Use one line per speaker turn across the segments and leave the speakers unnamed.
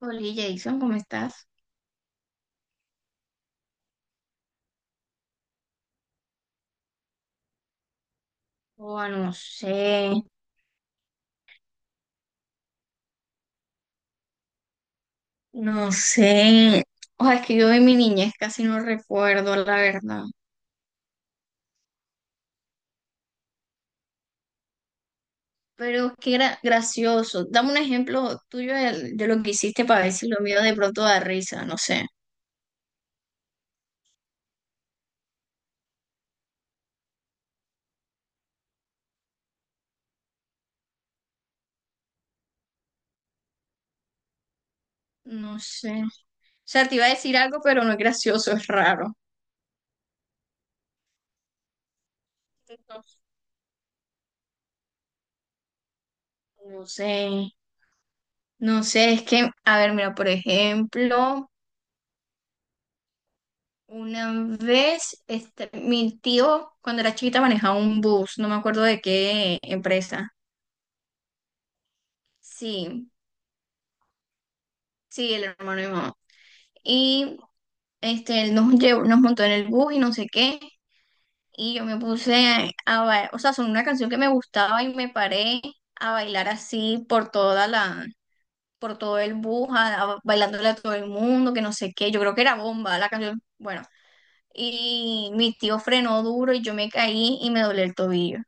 Oli Jason, ¿cómo estás? Oh, no sé, no sé. O sea, es que yo de mi niñez casi no recuerdo, la verdad. Pero que era gracioso. Dame un ejemplo tuyo de lo que hiciste para ver si lo mío de pronto da risa, no sé. No sé. O sea, te iba a decir algo, pero no es gracioso, es raro. No sé, no sé, es que, a ver, mira, por ejemplo. Una vez, este, mi tío, cuando era chiquita, manejaba un bus, no me acuerdo de qué empresa. Sí, sí, el hermano de mi mamá. Y este, él nos llevó, nos montó en el bus y no sé qué. Y yo me puse a bailar, o sea, son una canción que me gustaba y me paré a bailar así por toda la, por todo el bus, bailándole a todo el mundo, que no sé qué. Yo creo que era bomba la canción. Bueno, y mi tío frenó duro y yo me caí y me doblé el tobillo.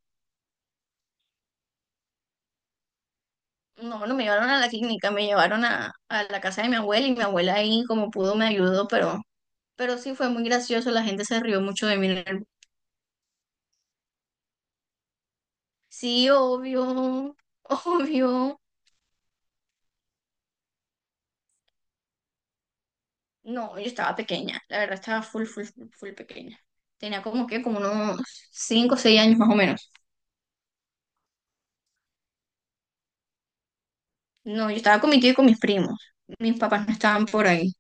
No, no me llevaron a la clínica, me llevaron a la casa de mi abuela y mi abuela ahí como pudo me ayudó, pero sí fue muy gracioso, la gente se rió mucho de mí. Sí, obvio, obvio. No, yo estaba pequeña, la verdad estaba full, full, full, full pequeña. Tenía como que como unos 5, o 6 años más o menos. No, yo estaba con mi tío y con mis primos. Mis papás no estaban por ahí.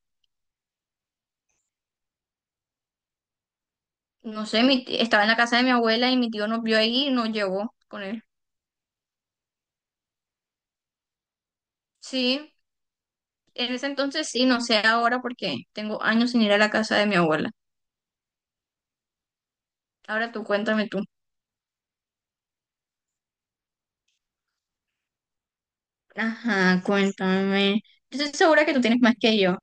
No sé, estaba en la casa de mi abuela y mi tío nos vio ahí y nos llevó con él. Sí. En ese entonces sí, no sé ahora porque tengo años sin ir a la casa de mi abuela. Ahora tú cuéntame tú. Ajá, cuéntame. Yo estoy segura que tú tienes más que yo.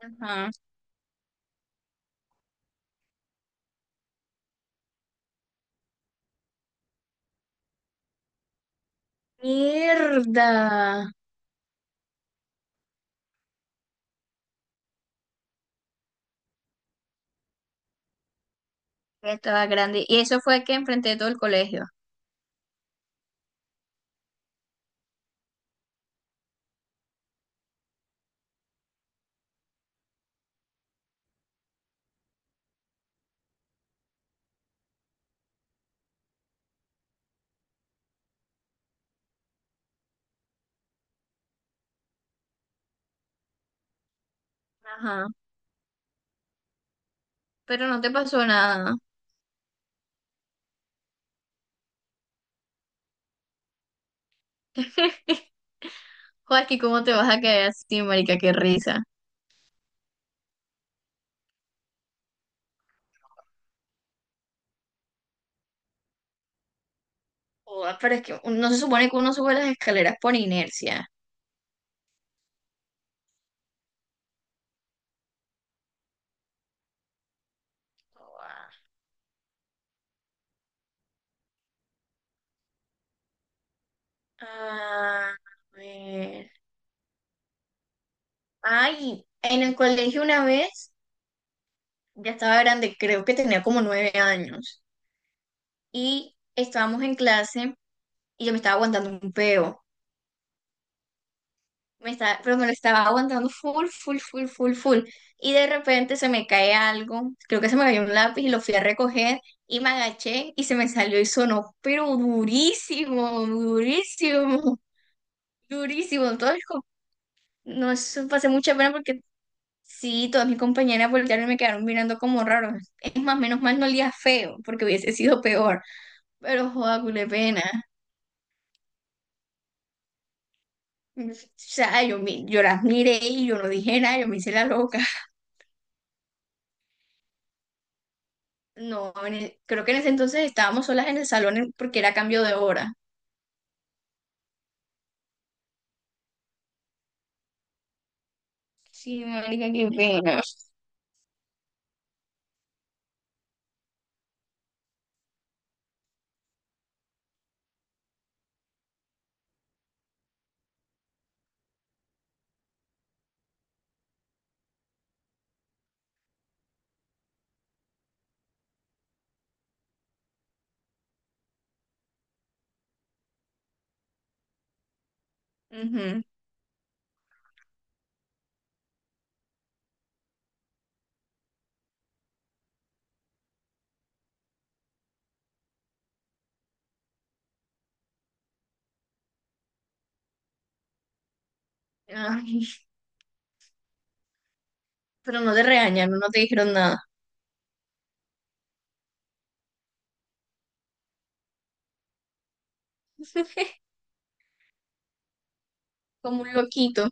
Ajá. Mierda. Ya estaba grande. Y eso fue que enfrenté todo el colegio. Ajá. Pero no te pasó nada. Joaquín, ¿cómo te vas a caer así, marica? Qué risa. Joda, pero es que no se supone que uno sube las escaleras por inercia. Joda. A ver. Ay, en el colegio una vez. Ya estaba grande, creo que tenía como 9 años. Y estábamos en clase y yo me estaba aguantando un peo. Me estaba, pero me lo estaba aguantando full, full, full, full, full. Y de repente se me cae algo. Creo que se me cayó un lápiz y lo fui a recoger y me agaché y se me salió y sonó, pero durísimo, durísimo, durísimo. Entonces, no, eso pasé mucha pena porque sí, todas mis compañeras voltearon y me quedaron mirando como raro. Es más, menos mal no olía feo porque hubiese sido peor. Pero joda, cule pena. O sea, yo, yo las miré y yo no dije nada, yo me hice la loca. No, creo que en ese entonces estábamos solas en el salón porque era cambio de hora. Sí, marica, qué pena. Ujú. Ay, pero no te regañaron, no te dijeron nada. Como un loquito.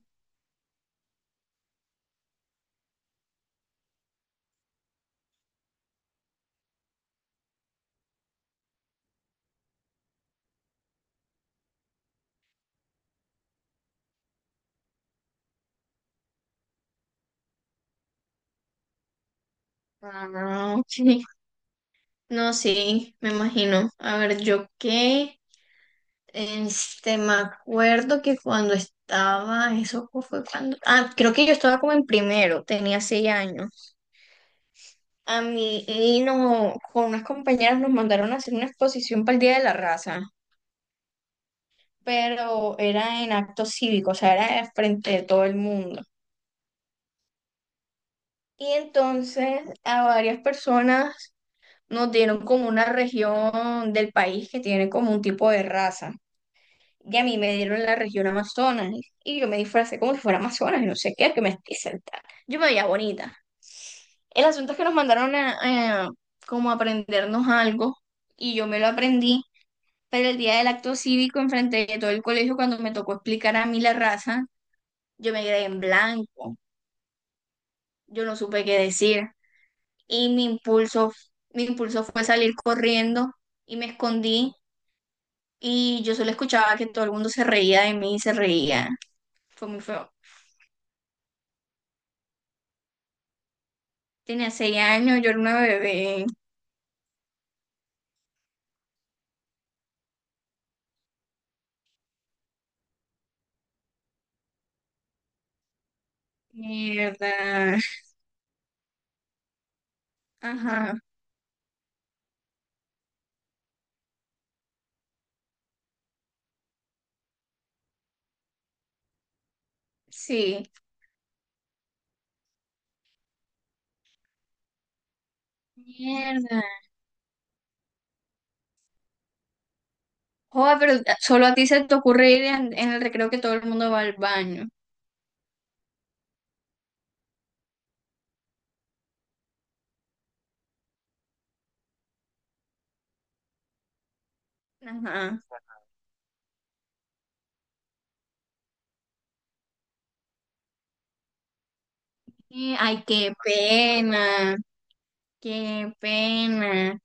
Ah, ok. No, sí, me imagino. A ver, yo qué. Este, me acuerdo que cuando estaba, eso fue cuando. Ah, creo que yo estaba como en primero, tenía 6 años. A mí y no, con unas compañeras nos mandaron a hacer una exposición para el Día de la Raza, pero era en acto cívico, o sea, era frente de todo el mundo. Y entonces a varias personas nos dieron como una región del país que tiene como un tipo de raza. Y a mí me dieron la región Amazonas y yo me disfracé como si fuera Amazonas y no sé qué, que me estoy sentada. Yo me veía bonita. El asunto es que nos mandaron a como aprendernos algo y yo me lo aprendí. Pero el día del acto cívico, enfrente de todo el colegio, cuando me tocó explicar a mí la raza, yo me quedé en blanco, yo no supe qué decir. Y mi impulso fue salir corriendo y me escondí y yo solo escuchaba que todo el mundo se reía de mí y se reía. Fue muy feo. Tenía seis años, yo era una bebé. Mierda. Ajá, sí. Mierda. Joder, pero solo a ti se te ocurre ir en el recreo que todo el mundo va al baño. Ajá. Ay, qué pena, qué pena.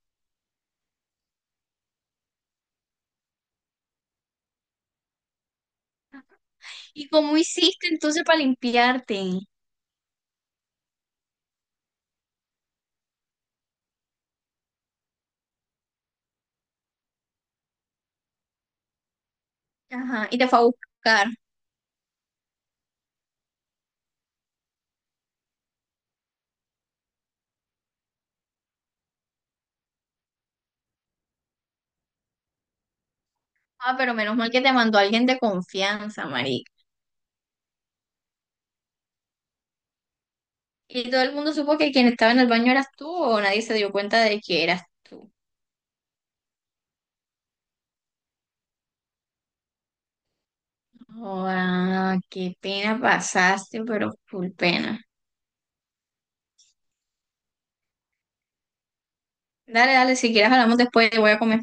¿Y cómo hiciste entonces para limpiarte? Ajá, y te fue a buscar. Ah, pero menos mal que te mandó alguien de confianza, marica. ¿Y todo el mundo supo que quien estaba en el baño eras tú o nadie se dio cuenta de que eras tú? Ah, qué pena pasaste, pero full pena. Dale, dale, si quieres hablamos después, voy a comer.